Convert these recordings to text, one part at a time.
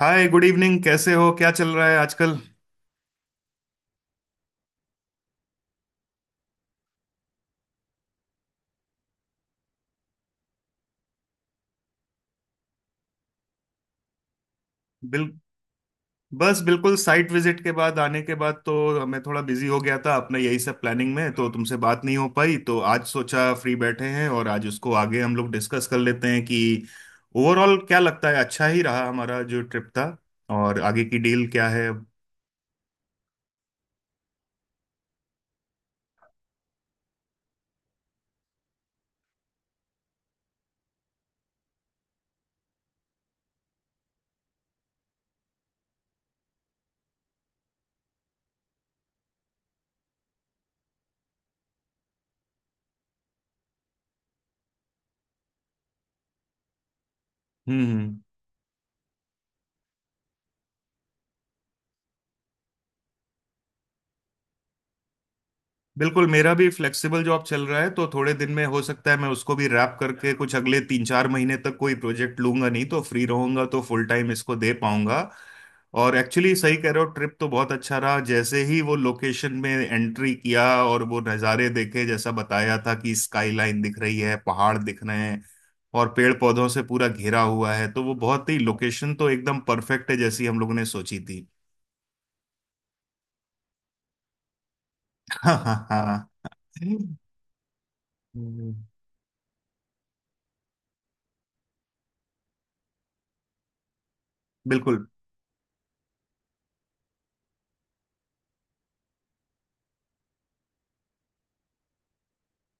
हाय, good evening. कैसे हो? क्या चल रहा है आजकल? बिल, बस बिल्कुल साइट विजिट के बाद, आने के बाद तो मैं थोड़ा बिजी हो गया था अपना यही सब प्लानिंग में, तो तुमसे बात नहीं हो पाई। तो आज सोचा फ्री बैठे हैं और आज उसको आगे हम लोग डिस्कस कर लेते हैं कि ओवरऑल क्या लगता है, अच्छा ही रहा हमारा जो ट्रिप था, और आगे की डील क्या है। हम्म। हम्म। बिल्कुल, मेरा भी फ्लेक्सिबल जॉब चल रहा है, तो थोड़े दिन में हो सकता है मैं उसको भी रैप करके कुछ अगले तीन चार महीने तक कोई प्रोजेक्ट लूंगा नहीं, तो फ्री रहूंगा, तो फुल टाइम इसको दे पाऊंगा। और एक्चुअली सही कह रहे हो, ट्रिप तो बहुत अच्छा रहा। जैसे ही वो लोकेशन में एंट्री किया और वो नज़ारे देखे, जैसा बताया था कि स्काई लाइन दिख रही है, पहाड़ दिख रहे हैं, और पेड़ पौधों से पूरा घिरा हुआ है, तो वो बहुत ही, लोकेशन तो एकदम परफेक्ट है जैसी हम लोगों ने सोची थी। हाँ, हाँ। हाँ। बिल्कुल।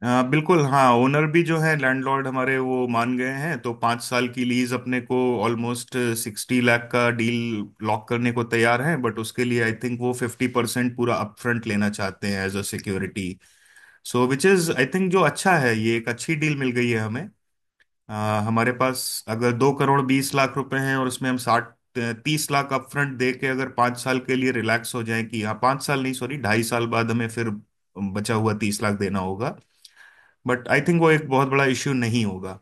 बिल्कुल। हाँ, ओनर भी जो है, लैंडलॉर्ड हमारे, वो मान गए हैं, तो पाँच साल की लीज अपने को ऑलमोस्ट 60 लाख का डील लॉक करने को तैयार हैं। बट उसके लिए आई थिंक वो 50% पूरा अपफ्रंट लेना चाहते हैं as a security. So which is, I think, जो अच्छा है, ये एक अच्छी डील मिल गई है हमें। हमारे पास अगर 2 करोड़ 20 लाख रुपए हैं, और उसमें हम साठ, 30 लाख अपफ्रंट दे के अगर 5 साल के लिए रिलैक्स हो जाए कि हाँ, 5 साल नहीं, सॉरी, 2.5 साल बाद हमें फिर बचा हुआ 30 लाख देना होगा। बट आई थिंक वो एक बहुत बड़ा इश्यू नहीं होगा।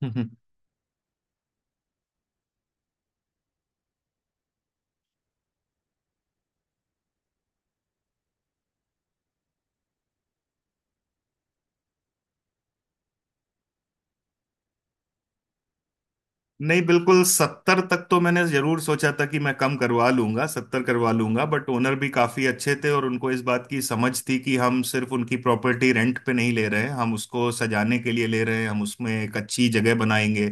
नहीं, बिल्कुल, सत्तर तक तो मैंने जरूर सोचा था कि मैं कम करवा लूंगा, सत्तर करवा लूंगा। बट ओनर भी काफी अच्छे थे और उनको इस बात की समझ थी कि हम सिर्फ उनकी प्रॉपर्टी रेंट पे नहीं ले रहे हैं, हम उसको सजाने के लिए ले रहे हैं, हम उसमें एक अच्छी जगह बनाएंगे।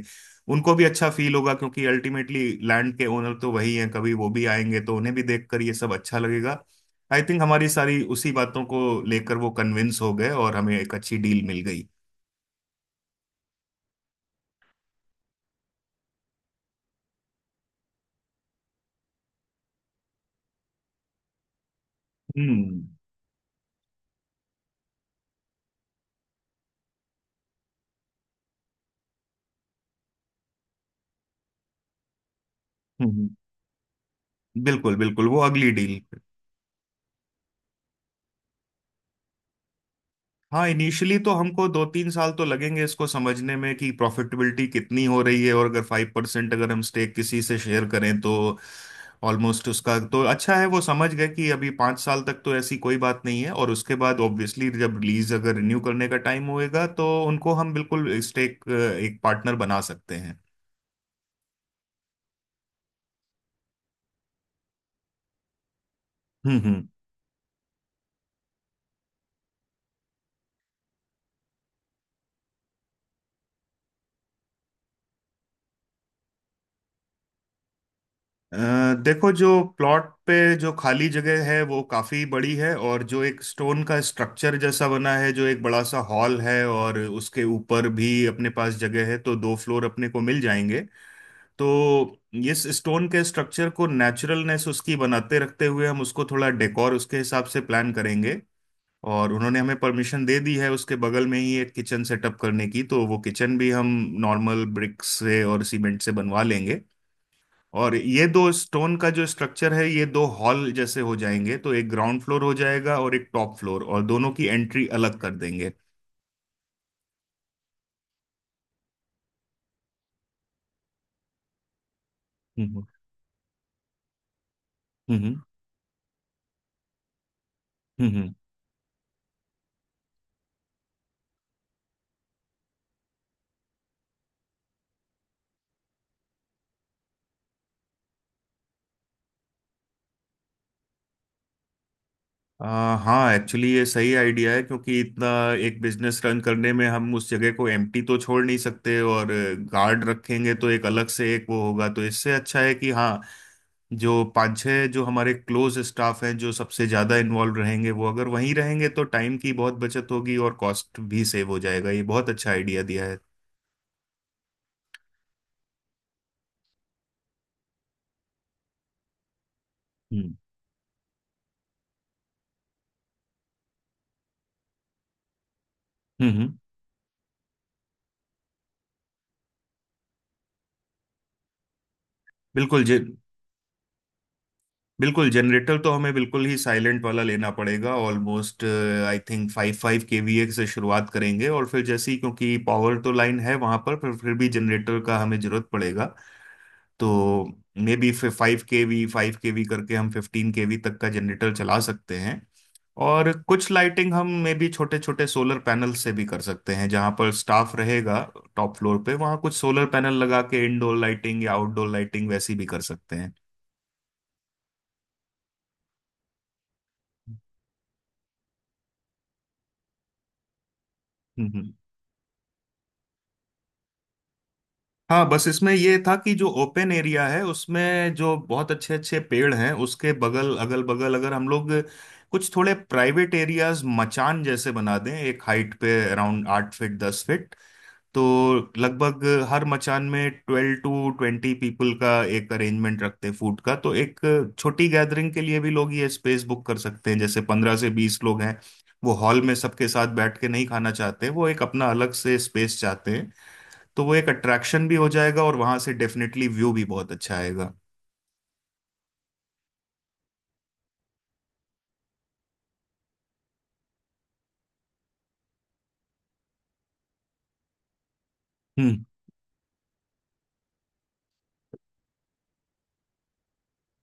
उनको भी अच्छा फील होगा, क्योंकि अल्टीमेटली लैंड के ओनर तो वही हैं। कभी वो भी आएंगे तो उन्हें भी देखकर ये सब अच्छा लगेगा। आई थिंक हमारी सारी उसी बातों को लेकर वो कन्विंस हो गए और हमें एक अच्छी डील मिल गई। हम्म, हम्म। हम्म। बिल्कुल, बिल्कुल, वो अगली डील पे। हाँ, इनिशियली तो हमको दो तीन साल तो लगेंगे इसको समझने में कि प्रॉफिटेबिलिटी कितनी हो रही है। और अगर 5% अगर हम स्टेक किसी से शेयर करें तो ऑलमोस्ट उसका तो, अच्छा है वो समझ गए कि अभी 5 साल तक तो ऐसी कोई बात नहीं है और उसके बाद ऑब्वियसली जब लीज अगर रिन्यू करने का टाइम होएगा तो उनको हम बिल्कुल स्टेक, एक पार्टनर बना सकते हैं। हम्म, अ, देखो, जो प्लॉट पे जो खाली जगह है वो काफी बड़ी है, और जो एक स्टोन का स्ट्रक्चर जैसा बना है, जो एक बड़ा सा हॉल है, और उसके ऊपर भी अपने पास जगह है, तो 2 फ्लोर अपने को मिल जाएंगे। तो इस स्टोन के स्ट्रक्चर को नेचुरलनेस उसकी बनाते रखते हुए हम उसको थोड़ा डेकोर उसके हिसाब से प्लान करेंगे। और उन्होंने हमें परमिशन दे दी है उसके बगल में ही एक किचन सेटअप करने की, तो वो किचन भी हम नॉर्मल ब्रिक्स से और सीमेंट से बनवा लेंगे। और ये दो स्टोन का जो स्ट्रक्चर है, ये 2 हॉल जैसे हो जाएंगे, तो एक ग्राउंड फ्लोर हो जाएगा और एक टॉप फ्लोर, और दोनों की एंट्री अलग कर देंगे। हम्म, हम्म। हम्म, हम्म। हाँ, एक्चुअली ये सही आइडिया है, क्योंकि इतना एक बिजनेस रन करने में हम उस जगह को एम्प्टी तो छोड़ नहीं सकते, और गार्ड रखेंगे तो एक अलग से एक वो होगा, तो इससे अच्छा है कि हाँ, जो पांच छह जो हमारे क्लोज स्टाफ हैं जो सबसे ज्यादा इन्वॉल्व रहेंगे, वो अगर वहीं रहेंगे तो टाइम की बहुत बचत होगी और कॉस्ट भी सेव हो जाएगा। ये बहुत अच्छा आइडिया दिया है। हम्म, हम्म। बिल्कुल। जे बिल्कुल, जनरेटर तो हमें बिल्कुल ही साइलेंट वाला लेना पड़ेगा। ऑलमोस्ट आई थिंक 5 5 KVA से शुरुआत करेंगे, और फिर जैसे ही, क्योंकि पावर तो लाइन है वहां पर फिर भी जनरेटर का हमें जरूरत पड़ेगा। तो मे बी 5 KV 5 KV करके हम 15 KV तक का जनरेटर चला सकते हैं। और कुछ लाइटिंग हम मे बी छोटे छोटे सोलर पैनल से भी कर सकते हैं, जहां पर स्टाफ रहेगा, टॉप फ्लोर पे, वहां कुछ सोलर पैनल लगा के इंडोर लाइटिंग या आउटडोर लाइटिंग वैसी भी कर सकते हैं। हम्म, हाँ, बस इसमें ये था कि जो ओपन एरिया है उसमें जो बहुत अच्छे अच्छे पेड़ हैं, उसके बगल, अगल बगल, अगर हम लोग कुछ थोड़े प्राइवेट एरियाज मचान जैसे बना दें, एक हाइट पे, अराउंड 8 फीट 10 फीट, तो लगभग हर मचान में 12 to 20 पीपल का एक अरेंजमेंट रखते हैं फूड का, तो एक छोटी गैदरिंग के लिए भी लोग ये स्पेस बुक कर सकते हैं। जैसे 15 से 20 लोग हैं वो हॉल में सबके साथ बैठ के नहीं खाना चाहते, वो एक अपना अलग से स्पेस चाहते हैं, तो वो एक अट्रैक्शन भी हो जाएगा और वहां से डेफिनेटली व्यू भी बहुत अच्छा आएगा। हम्म,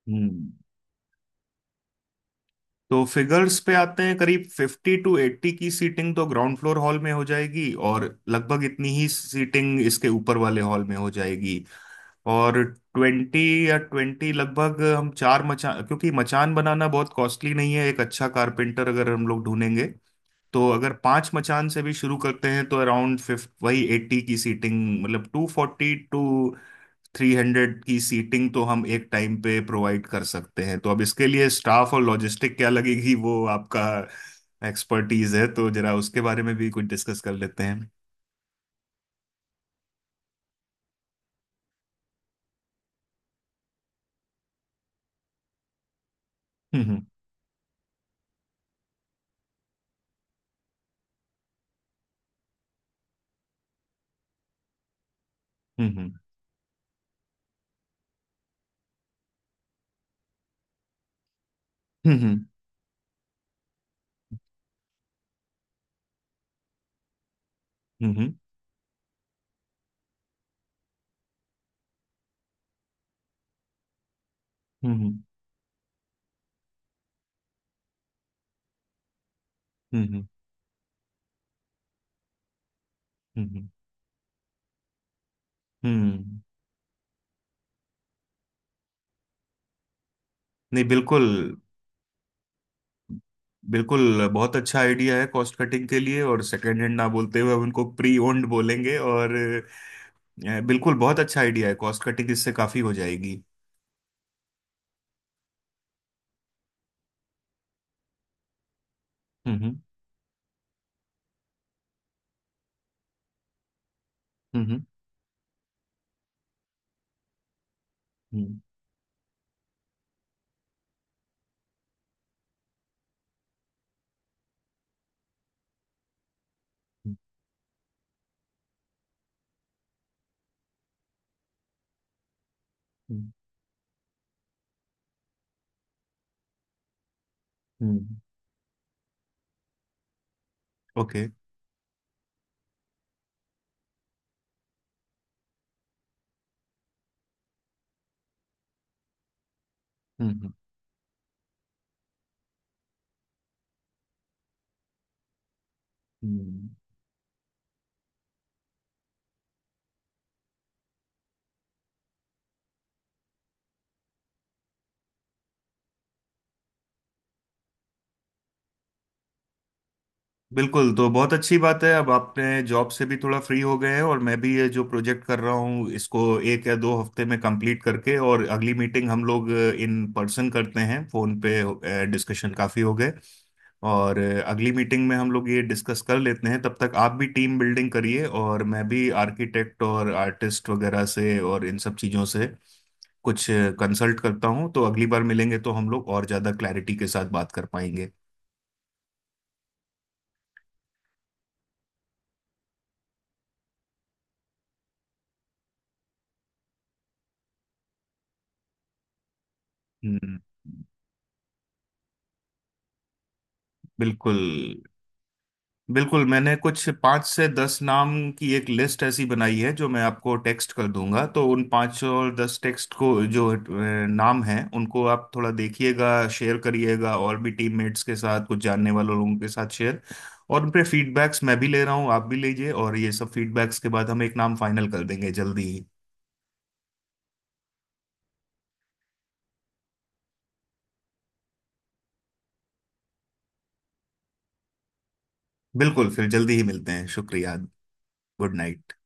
हम्म। तो फिगर्स पे आते हैं। करीब 50 to 80 की सीटिंग तो ग्राउंड फ्लोर हॉल में हो जाएगी, और लगभग इतनी ही सीटिंग इसके ऊपर वाले हॉल में हो जाएगी। और ट्वेंटी या ट्वेंटी, लगभग हम 4 मचान, क्योंकि मचान बनाना बहुत कॉस्टली नहीं है, एक अच्छा कारपेंटर अगर हम लोग ढूंढेंगे। तो अगर 5 मचान से भी शुरू करते हैं तो अराउंड फिफ्थ वही एट्टी की सीटिंग, मतलब 240 टू 300 की सीटिंग तो हम एक टाइम पे प्रोवाइड कर सकते हैं। तो अब इसके लिए स्टाफ और लॉजिस्टिक क्या लगेगी, वो आपका एक्सपर्टीज है, तो जरा उसके बारे में भी कुछ डिस्कस कर लेते हैं। हम्म, हम्म। हम्म, हम्म। हम्म, हम्म। हम्म, हम्म। हम्म, हम्म। हम्म, हम्म। नहीं, बिल्कुल, बिल्कुल बहुत अच्छा आइडिया है कॉस्ट कटिंग के लिए, और सेकंड हैंड ना बोलते हुए हम उनको प्री ओन्ड बोलेंगे। और बिल्कुल बहुत अच्छा आइडिया है, कॉस्ट कटिंग इससे काफी हो जाएगी। हम्म, हम्म। हम्म, हम्म। हम्म। ओके। हम्म, हम्म। हम्म। बिल्कुल, तो बहुत अच्छी बात है। अब आपने जॉब से भी थोड़ा फ्री हो गए हैं, और मैं भी ये जो प्रोजेक्ट कर रहा हूँ इसको एक या दो हफ्ते में कंप्लीट करके, और अगली मीटिंग हम लोग इन पर्सन करते हैं, फोन पे डिस्कशन काफी हो गए। और अगली मीटिंग में हम लोग ये डिस्कस कर लेते हैं। तब तक आप भी टीम बिल्डिंग करिए और मैं भी आर्किटेक्ट और आर्टिस्ट वगैरह से और इन सब चीज़ों से कुछ कंसल्ट करता हूँ, तो अगली बार मिलेंगे तो हम लोग और ज़्यादा क्लैरिटी के साथ बात कर पाएंगे। हम्म। बिल्कुल। बिल्कुल, मैंने कुछ 5 से 10 नाम की एक लिस्ट ऐसी बनाई है जो मैं आपको टेक्स्ट कर दूंगा, तो उन 5 और 10 टेक्स्ट को, जो नाम हैं, उनको आप थोड़ा देखिएगा, शेयर करिएगा और भी टीममेट्स के साथ, कुछ जानने वाले लोगों के साथ शेयर। और उन पे फीडबैक्स मैं भी ले रहा हूँ, आप भी लीजिए, और ये सब फीडबैक्स के बाद हम एक नाम फाइनल कर देंगे जल्दी ही। बिल्कुल, फिर जल्दी ही मिलते हैं। शुक्रिया। Good night.